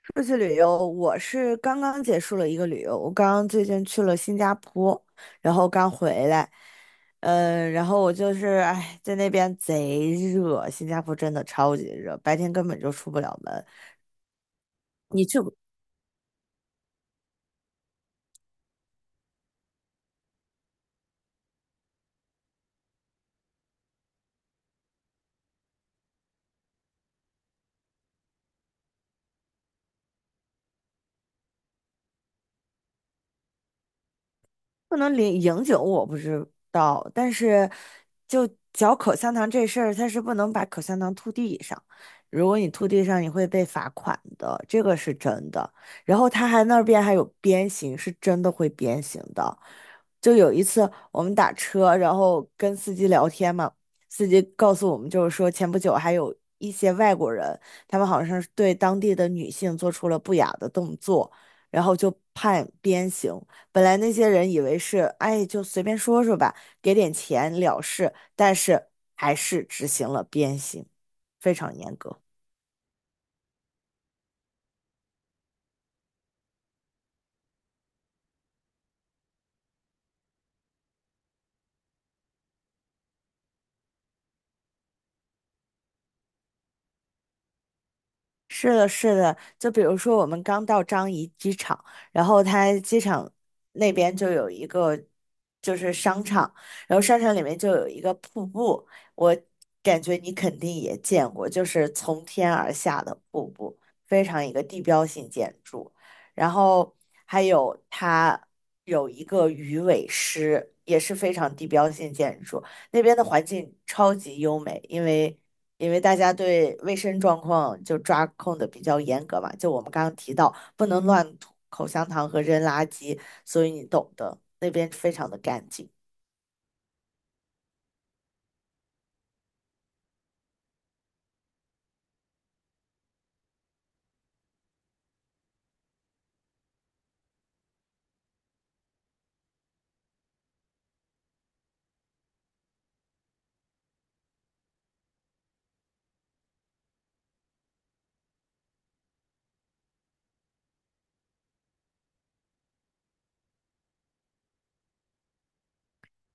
出去旅游，我是刚刚结束了一个旅游，我刚刚最近去了新加坡，然后刚回来，嗯，然后我就是哎，在那边贼热，新加坡真的超级热，白天根本就出不了门。你去不能领饮酒我不知道，但是就嚼口香糖这事儿，它是不能把口香糖吐地上。如果你吐地上，你会被罚款的，这个是真的。然后他还那边还有鞭刑，是真的会鞭刑的。就有一次我们打车，然后跟司机聊天嘛，司机告诉我们就是说，前不久还有一些外国人，他们好像是对当地的女性做出了不雅的动作，然后就判鞭刑。本来那些人以为是，哎，就随便说说吧，给点钱了事，但是还是执行了鞭刑，非常严格。是的，是的，就比如说我们刚到张掖机场，然后它机场那边就有一个就是商场，然后商场里面就有一个瀑布，我感觉你肯定也见过，就是从天而下的瀑布，非常一个地标性建筑，然后还有它有一个鱼尾狮，也是非常地标性建筑，那边的环境超级优美，因为。因为大家对卫生状况就抓控的比较严格嘛，就我们刚刚提到，不能乱吐口香糖和扔垃圾，所以你懂的，那边非常的干净。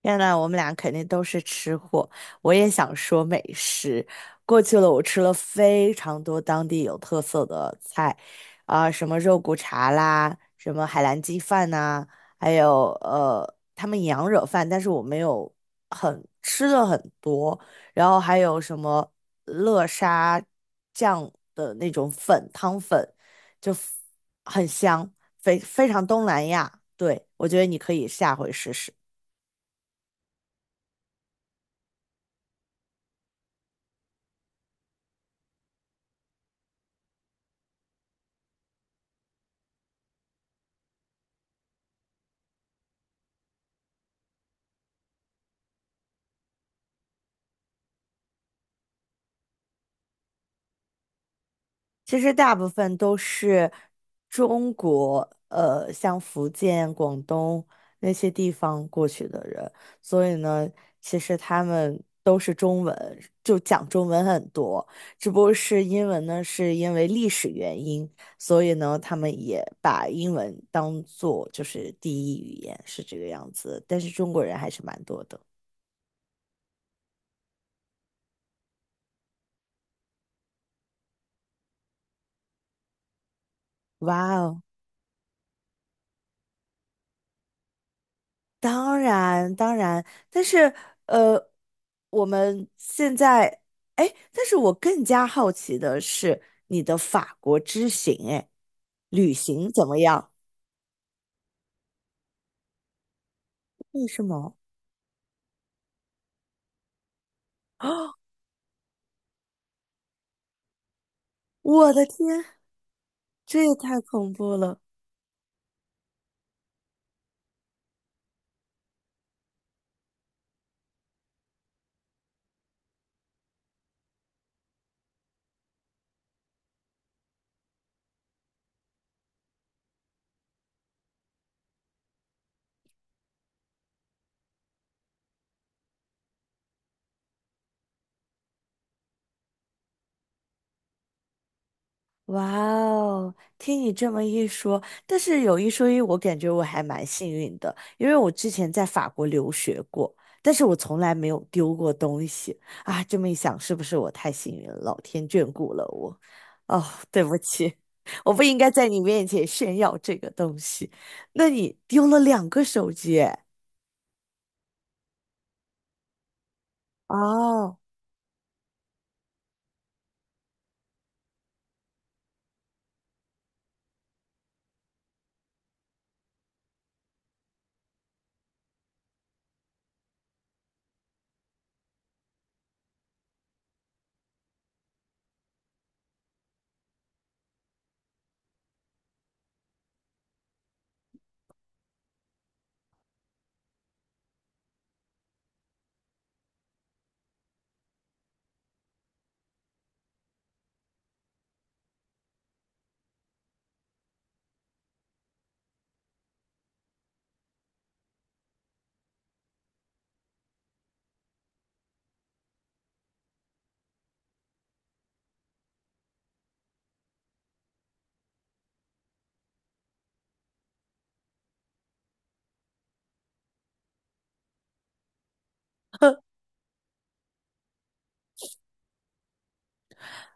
天呐，我们俩肯定都是吃货。我也想说美食。过去了，我吃了非常多当地有特色的菜，啊、什么肉骨茶啦，什么海南鸡饭呐、还有他们羊惹饭，但是我没有很吃的很多。然后还有什么乐沙酱的那种粉汤粉，就很香，非常东南亚。对，我觉得你可以下回试试。其实大部分都是中国，像福建、广东那些地方过去的人，所以呢，其实他们都是中文，就讲中文很多。只不过是英文呢，是因为历史原因，所以呢，他们也把英文当做就是第一语言，是这个样子。但是中国人还是蛮多的。哇哦！当然，当然，但是呃，我们现在，哎，但是我更加好奇的是你的法国之行，哎，旅行怎么样？为什么？啊，我的天，这也太恐怖了！哇哦，听你这么一说，但是有一说一，我感觉我还蛮幸运的，因为我之前在法国留学过，但是我从来没有丢过东西啊。这么一想，是不是我太幸运了？老天眷顾了我。哦，对不起，我不应该在你面前炫耀这个东西。那你丢了两个手机诶哦，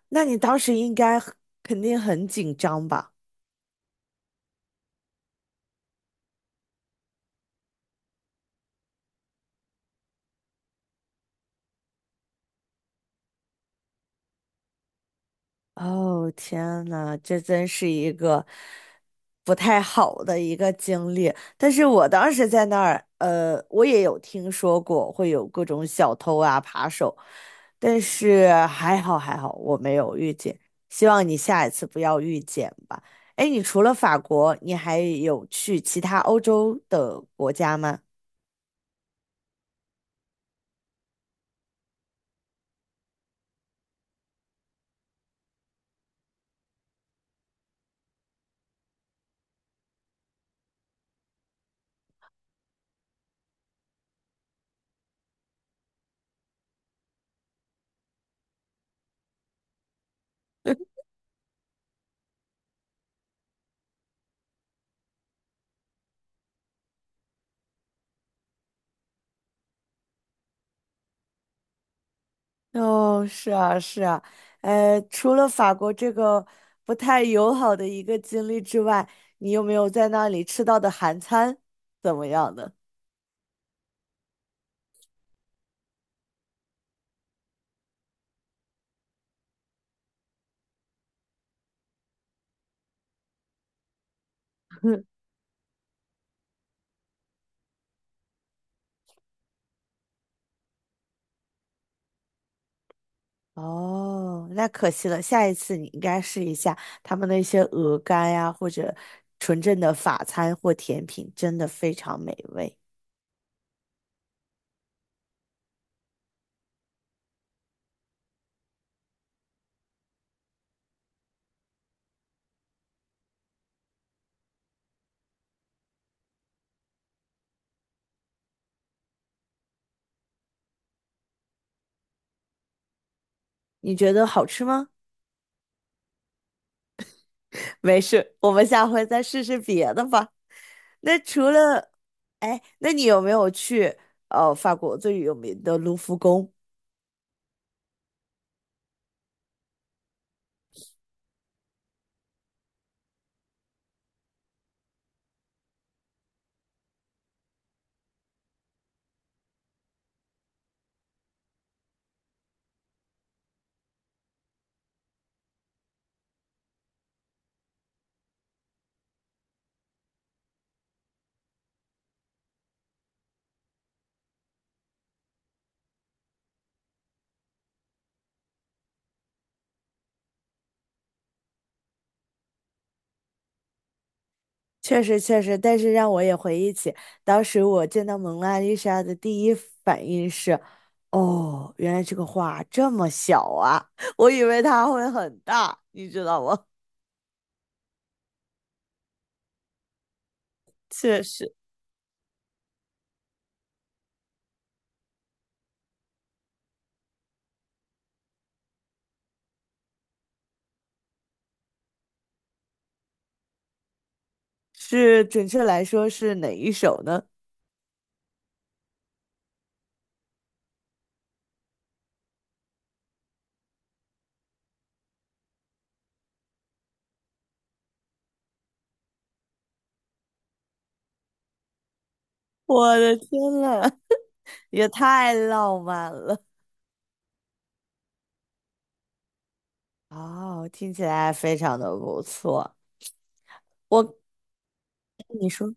那你当时应该很肯定很紧张吧？哦，天呐，这真是一个不太好的一个经历。但是我当时在那儿，我也有听说过会有各种小偷啊、扒手，但是还好，我没有遇见。希望你下一次不要遇见吧。哎，你除了法国，你还有去其他欧洲的国家吗？哦，是啊，是啊，除了法国这个不太友好的一个经历之外，你有没有在那里吃到的韩餐怎么样的？哦，那可惜了，下一次你应该试一下他们那些鹅肝呀，或者纯正的法餐或甜品，真的非常美味。你觉得好吃吗？没事，我们下回再试试别的吧。那除了，哎，那你有没有去法国最有名的卢浮宫？确实确实，但是让我也回忆起当时我见到蒙娜丽莎的第一反应是，哦，原来这个画这么小啊，我以为它会很大，你知道吗？确实是，准确来说是哪一首呢？我的天呐，也太浪漫了。哦，听起来非常的不错。我，你说，